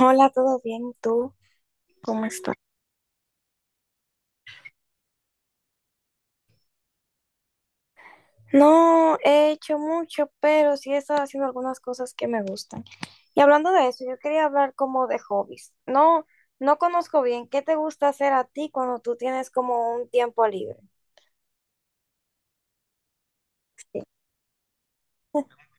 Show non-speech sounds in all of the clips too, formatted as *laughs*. Hola, ¿todo bien? ¿Tú cómo estás? No he hecho mucho, pero sí he estado haciendo algunas cosas que me gustan. Y hablando de eso, yo quería hablar como de hobbies. No, no conozco bien qué te gusta hacer a ti cuando tú tienes como un tiempo libre. *laughs*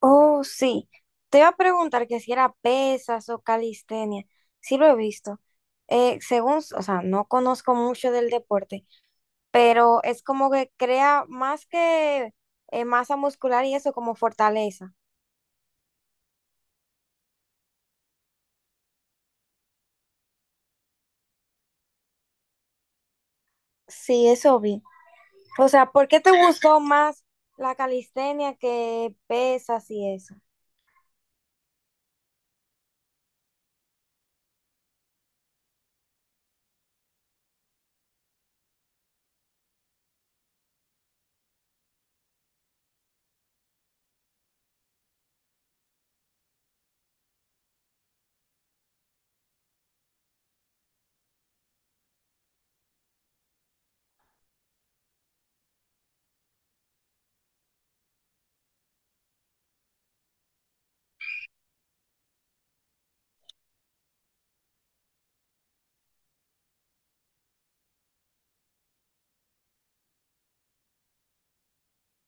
Oh, sí. Te iba a preguntar que si era pesas o calistenia. Sí lo he visto. Según, o sea, no conozco mucho del deporte, pero es como que crea más que masa muscular y eso como fortaleza. Sí, eso vi. O sea, ¿por qué te gustó más la calistenia que pesas y eso?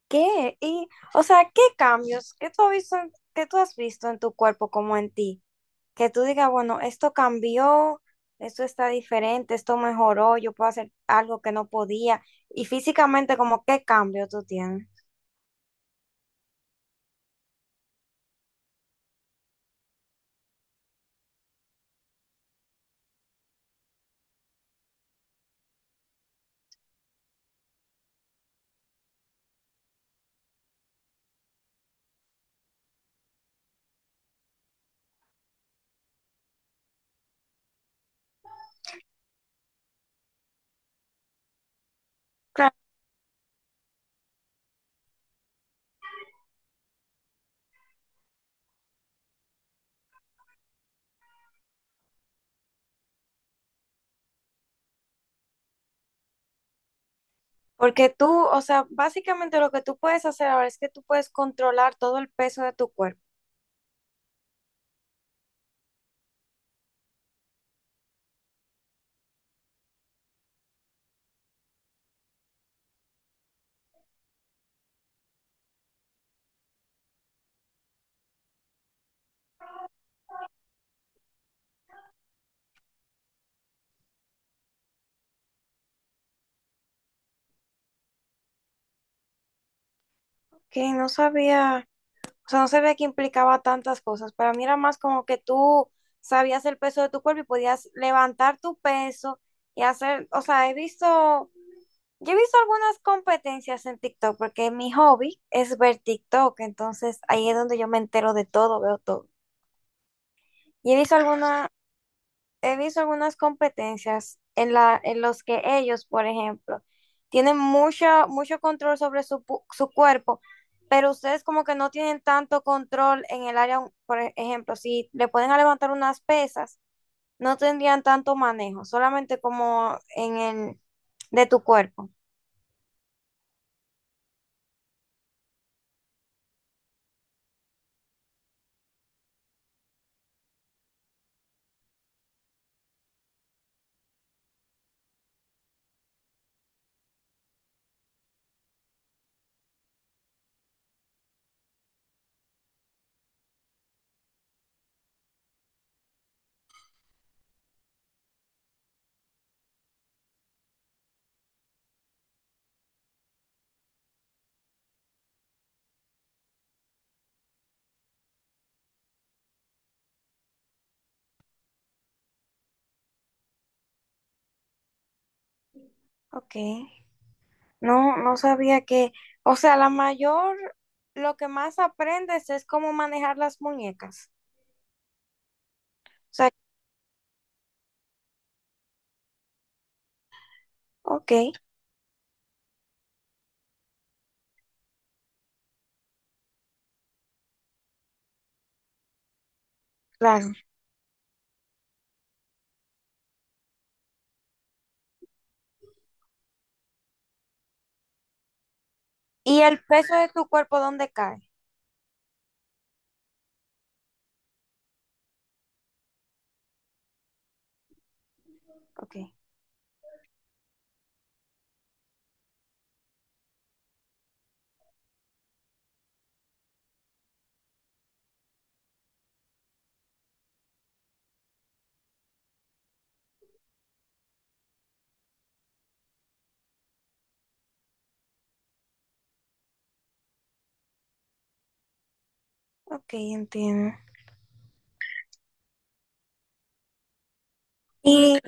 ¿Qué? Y, o sea, ¿qué cambios que tú has visto que tú has visto en tu cuerpo como en ti? Que tú digas, bueno, esto cambió, esto está diferente, esto mejoró, yo puedo hacer algo que no podía. Y físicamente, como, ¿qué cambio tú tienes? Claro. Porque tú, o sea, básicamente lo que tú puedes hacer ahora es que tú puedes controlar todo el peso de tu cuerpo. Que no sabía. O sea, no sabía que implicaba tantas cosas. Para mí era más como que tú sabías el peso de tu cuerpo y podías levantar tu peso y hacer, o sea, he visto, yo he visto algunas competencias en TikTok porque mi hobby es ver TikTok, entonces ahí es donde yo me entero de todo, veo todo. Y he visto algunas competencias en en los que ellos, por ejemplo, tienen mucho, mucho control sobre su cuerpo, pero ustedes como que no tienen tanto control en el área, por ejemplo, si le pueden levantar unas pesas, no tendrían tanto manejo, solamente como en el de tu cuerpo. Ok, no, no sabía que, o sea, la mayor, lo que más aprendes es cómo manejar las muñecas. O sea, ok, claro. Y el peso de tu cuerpo, ¿dónde cae? Ok, ok, entiendo. Y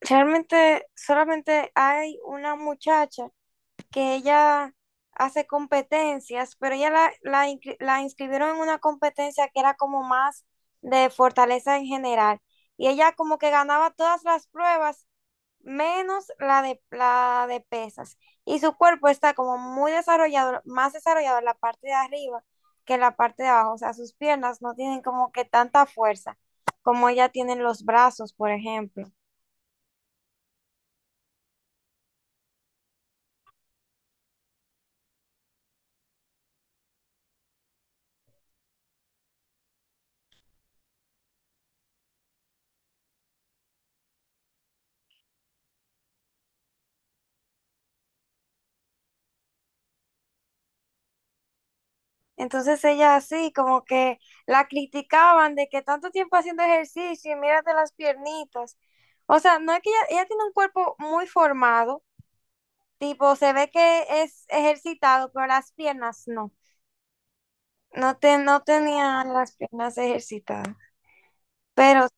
realmente solamente hay una muchacha que ella hace competencias, pero ella la inscribieron en una competencia que era como más de fortaleza en general. Y ella como que ganaba todas las pruebas menos la de pesas. Y su cuerpo está como muy desarrollado, más desarrollado en la parte de arriba que en la parte de abajo. O sea, sus piernas no tienen como que tanta fuerza como ella tienen los brazos, por ejemplo. Entonces ella así como que la criticaban de que tanto tiempo haciendo ejercicio y mírate las piernitas. O sea, no es que ella tiene un cuerpo muy formado, tipo se ve que es ejercitado, pero las piernas no. No, no tenía las piernas ejercitadas, pero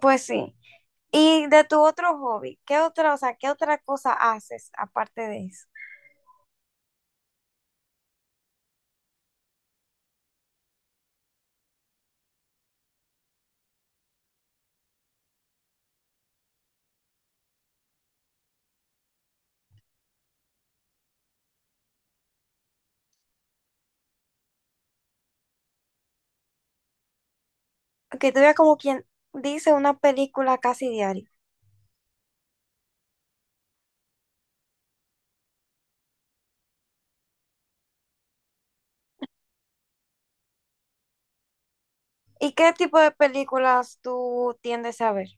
pues sí. Y de tu otro hobby, ¿qué otra, o sea, qué otra cosa haces aparte de eso? Que tú veas como quien dice una película casi diaria. ¿Y qué tipo de películas tú tiendes a ver?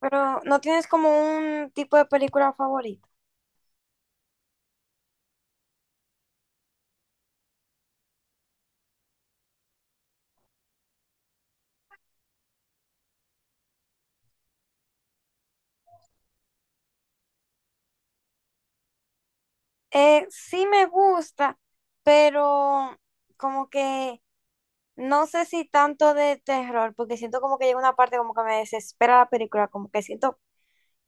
Pero no tienes como un tipo de película favorita. Sí me gusta, pero como que no sé si tanto de terror, porque siento como que llega una parte como que me desespera la película, como que siento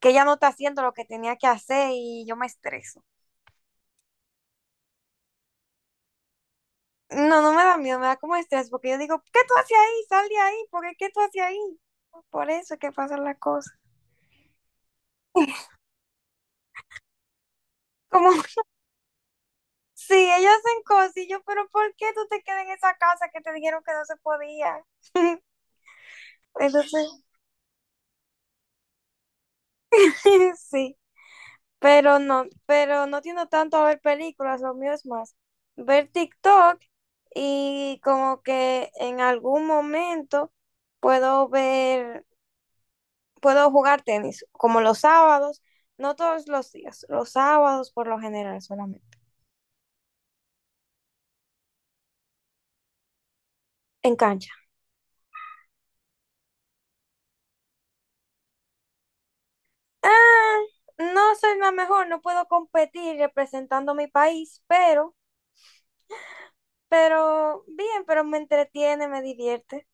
que ya no está haciendo lo que tenía que hacer y yo me estreso. No, no me da miedo, me da como estrés, porque yo digo, ¿qué tú haces ahí? Sal de ahí, porque qué tú haces ahí? Por eso es que pasan las cosas. Como, *laughs* sí, ellos hacen cosas y yo, pero ¿por qué tú te quedas en esa casa que te dijeron que no se podía? Entonces, *laughs* sí. Pero no tiendo tanto a ver películas, lo mío es más ver TikTok y como que en algún momento puedo ver, puedo jugar tenis, como los sábados, no todos los días, los sábados por lo general solamente, en cancha. Ah, no soy la mejor, no puedo competir representando mi país, pero bien, pero me entretiene, me divierte,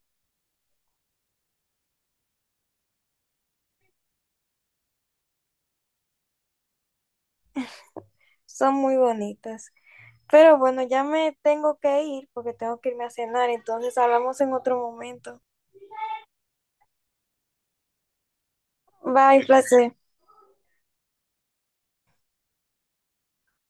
son muy bonitas. Pero bueno, ya me tengo que ir porque tengo que irme a cenar, entonces hablamos en otro momento. Bye, placer.